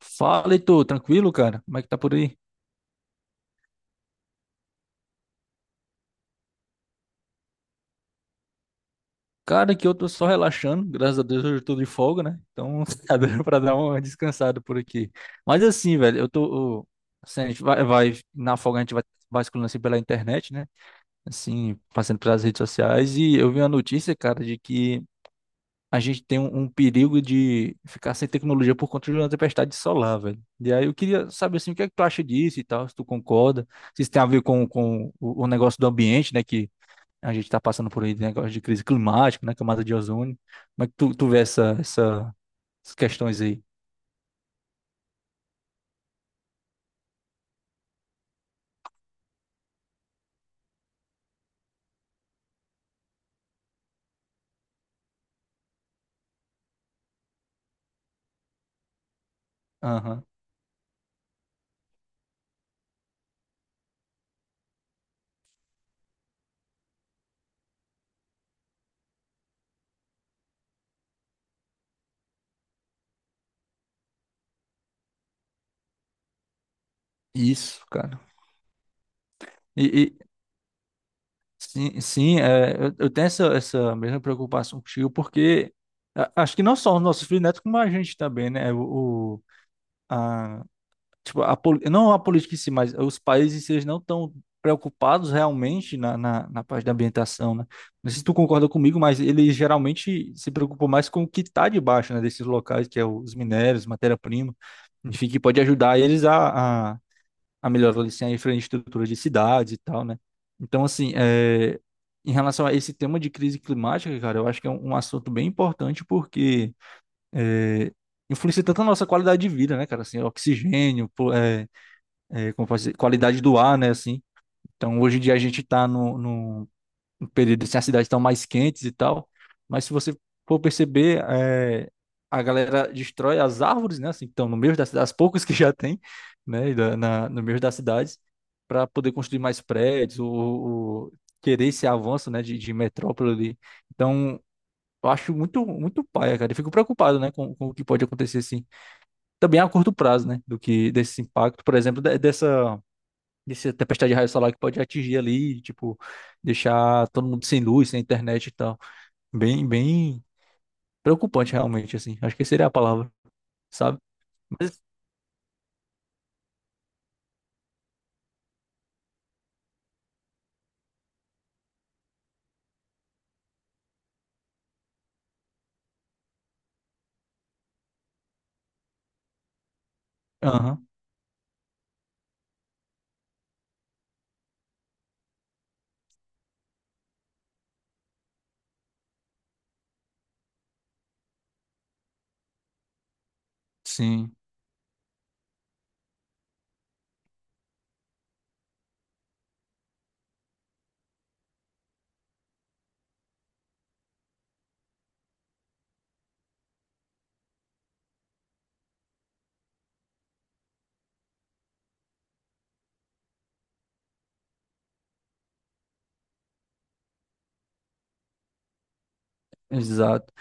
Fala, Heitor, tranquilo, cara? Como é que tá por aí? Cara, aqui eu tô só relaxando, graças a Deus hoje eu tô de folga, né? Então tá dando pra dar uma descansada por aqui. Mas assim, velho, eu tô. Assim, a gente na folga a gente vai vasculhando assim pela internet, né? Assim, passando pelas redes sociais e eu vi uma notícia, cara, de que a gente tem um perigo de ficar sem tecnologia por conta de uma tempestade solar, velho. E aí eu queria saber, assim, o que é que tu acha disso e tal, se tu concorda, se isso tem a ver com o negócio do ambiente, né? Que A gente está passando por aí de negócio de crise climática, né? Camada de ozônio. Como é que tu vê essas questões aí? Aham. Isso, cara. E, e- sim, sim, eu tenho essa mesma preocupação contigo, porque acho que não só os nossos filhos netos, como a gente também, né? A- tipo, não a política em si, mas os países eles não estão preocupados realmente na parte da ambientação, né? Não sei se tu concorda comigo, mas eles geralmente se preocupam mais com o que está debaixo, né, desses locais, que é os minérios, matéria-prima, enfim, que pode ajudar eles a melhorar assim, a infraestrutura de cidades e tal, né? Então, assim, é, em relação a esse tema de crise climática, cara, eu acho que é um assunto bem importante porque é, influencia tanto a nossa qualidade de vida, né, cara? Assim, oxigênio, pô, como posso dizer, qualidade do ar, né, assim. Então, hoje em dia a gente está no num num período assim, as cidades estão mais quentes e tal, mas se você for perceber, é, a galera destrói as árvores, né, assim, que estão no meio das cidades, as poucas que já tem, né, e no meio das cidades, para poder construir mais prédios, ou querer esse avanço, né, de metrópole ali. Então, eu acho muito paia, cara, eu fico preocupado, né, com o que pode acontecer, assim, também a curto prazo, né, do que desse impacto, por exemplo, dessa desse tempestade de raio solar que pode atingir ali, tipo, deixar todo mundo sem luz, sem internet e tal. Bem preocupante realmente, assim. Acho que seria a palavra, sabe? Mas, aham, sim, exato.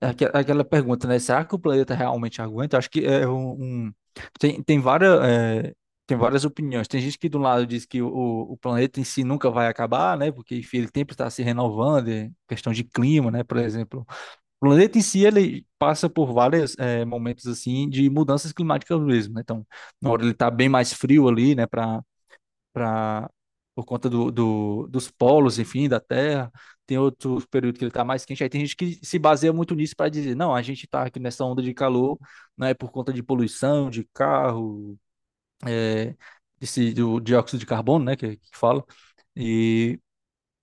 É aquela pergunta, né? Será que o planeta realmente aguenta? Acho que é um. Tem várias... é, tem várias opiniões. Tem gente que do lado diz que o planeta em si nunca vai acabar, né? Porque enfim, ele sempre está se renovando, é questão de clima, né? Por exemplo, o planeta em si, ele passa por vários eh, momentos, assim, de mudanças climáticas mesmo, né? Então, na hora ele tá bem mais frio ali, né, pra, por conta do, dos polos, enfim, da Terra. Tem outro período que ele tá mais quente. Aí tem gente que se baseia muito nisso para dizer, não, a gente tá aqui nessa onda de calor, né, por conta de poluição, de carro, eh, desse, do dióxido de carbono, né, que fala. E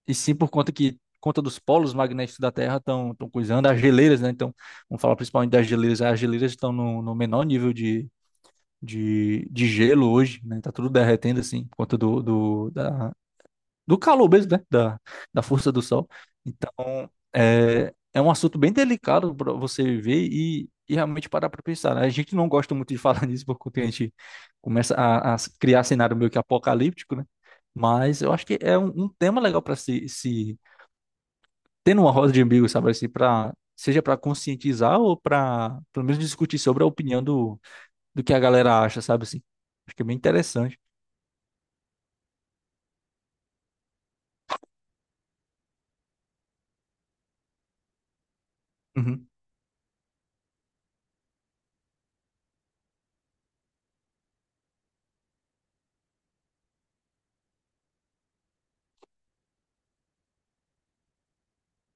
e sim por conta que conta dos polos magnéticos da Terra estão coisando as geleiras, né? Então, vamos falar principalmente das geleiras. As geleiras estão no menor nível de gelo hoje, né? Tá tudo derretendo assim por conta do calor mesmo, né? Da, da força do Sol. Então, é, é um assunto bem delicado para você ver e realmente parar para pensar, né? A gente não gosta muito de falar nisso porque a gente começa a criar cenário meio que apocalíptico, né? Mas eu acho que é um tema legal para se tendo uma roda de umbigo, sabe, assim, pra, seja para conscientizar ou para pelo menos discutir sobre a opinião do que a galera acha, sabe, assim. Acho que é bem interessante. Uhum,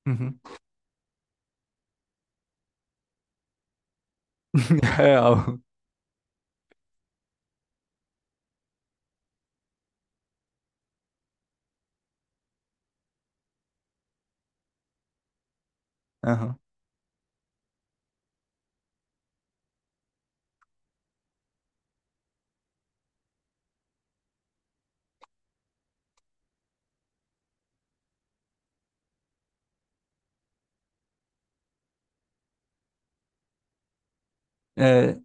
uhum. Real. Aham. É,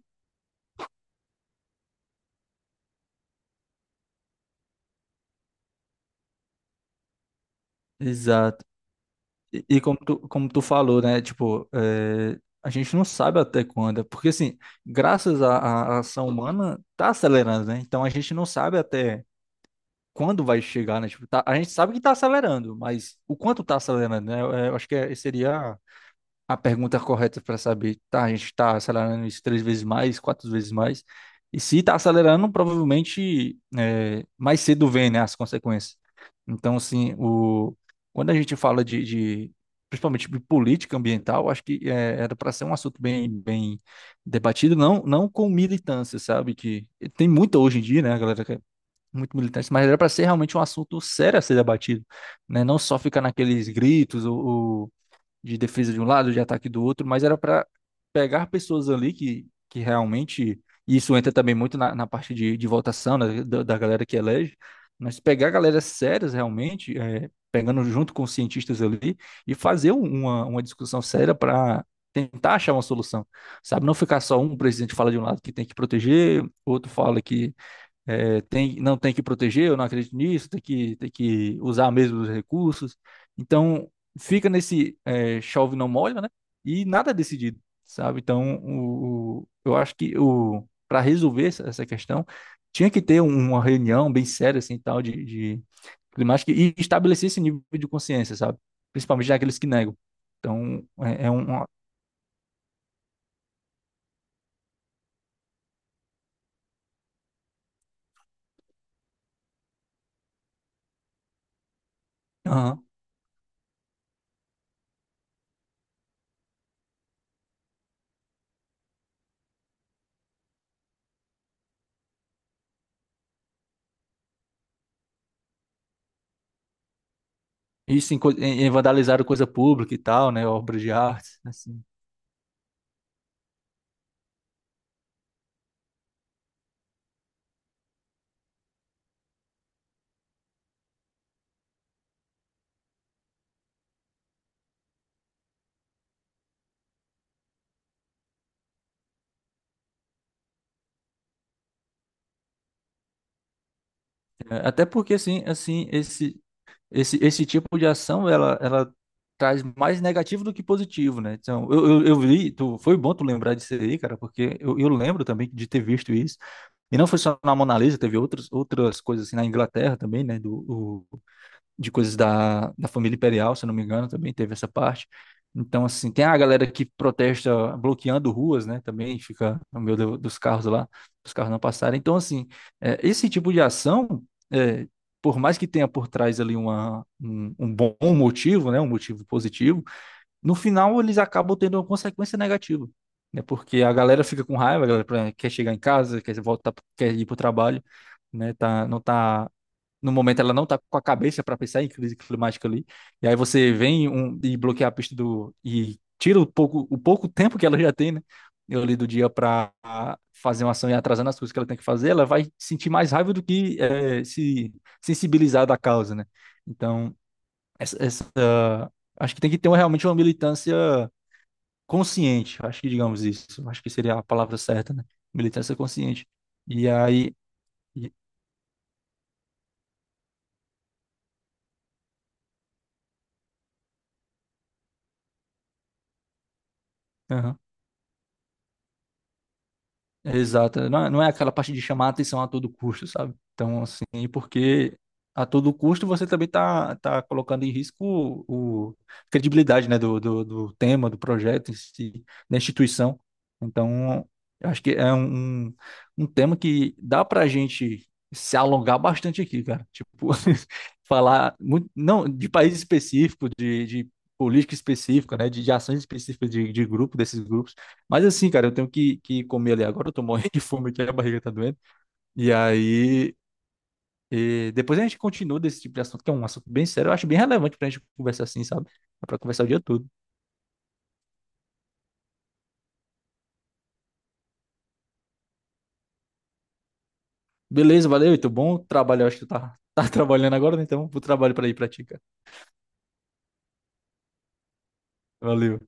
exato. E, como como tu falou, né? Tipo, é, a gente não sabe até quando. É porque, assim, graças à ação humana, tá acelerando, né? Então a gente não sabe até quando vai chegar, né? Tipo, a gente sabe que tá acelerando, mas o quanto tá acelerando, né? Eu acho que seria a pergunta correta para saber, tá, a gente está acelerando isso três vezes mais, quatro vezes mais, e se está acelerando, provavelmente é, mais cedo vem, né, as consequências. Então, assim, o, quando a gente fala principalmente de política ambiental, acho que é, era para ser um assunto bem debatido, não com militância, sabe, que tem muita hoje em dia, né, a galera que é muito militante, mas era para ser realmente um assunto sério a ser debatido, né, não só ficar naqueles gritos ou de defesa de um lado, de ataque do outro, mas era para pegar pessoas ali que realmente. E isso entra também muito na parte de votação, né, da galera que elege, mas pegar galera sérias realmente, é, pegando junto com os cientistas ali, e fazer uma discussão séria para tentar achar uma solução, sabe? Não ficar só um presidente fala de um lado que tem que proteger, outro fala que é, tem, não tem que proteger, eu não acredito nisso, tem tem que usar mesmo os recursos. Então, fica nesse é, chove não molha, né? E nada é decidido, sabe? Então, eu acho que o para resolver essa questão, tinha que ter um, uma reunião bem séria, assim, tal, de climática e estabelecer esse nível de consciência, sabe? Principalmente daqueles que negam. Então, é, é aham. Isso em, em vandalizar coisa pública e tal, né? Obras de arte, assim. É, até porque assim, assim, esse tipo de ação ela traz mais negativo do que positivo, né? Então, eu vi, tu, foi bom tu lembrar disso aí, cara, porque eu lembro também de ter visto isso. E não foi só na Mona Lisa, teve outras coisas assim na Inglaterra também, né, de coisas da família imperial, se eu não me engano, também teve essa parte. Então, assim, tem a galera que protesta bloqueando ruas, né? Também fica no meio dos carros lá, os carros não passarem. Então, assim, é, esse tipo de ação, é, por mais que tenha por trás ali um bom motivo, né? Um motivo positivo, no final eles acabam tendo uma consequência negativa. Né, porque a galera fica com raiva, a galera quer chegar em casa, quer voltar, quer ir para o trabalho, né? Tá, no momento ela não está com a cabeça para pensar em crise climática ali. E aí você vem um, e bloqueia a pista do e tira o pouco tempo que ela já tem, né? Eu li do dia para fazer uma ação e atrasando as coisas que ela tem que fazer, ela vai sentir mais raiva do que eh, se sensibilizar da causa, né? Então, essa, essa- acho que tem que ter realmente uma militância consciente, acho que digamos isso, acho que seria a palavra certa, né? Militância consciente. E aí, e- aham. Exato. Não, não é aquela parte de chamar a atenção a todo custo, sabe? Então, assim, porque a todo custo você também tá colocando em risco a credibilidade, né, do tema, do projeto, em si, da instituição. Então, eu acho que é um tema que dá pra gente se alongar bastante aqui, cara. Tipo, falar muito, não, de país específico, de política específica, né, de ações específicas de grupo, desses grupos. Mas assim, cara, eu tenho que comer ali agora, eu tô morrendo de fome aqui, a barriga tá doendo. E aí, eh, depois a gente continua desse tipo de assunto, que é um assunto bem sério, eu acho bem relevante pra gente conversar assim, sabe? Dá pra conversar o dia todo. Beleza, valeu, Heitor, bom trabalho, eu acho que tu tá, tá trabalhando agora, né? Então, bom trabalho pra ir pra ti, cara. Valeu.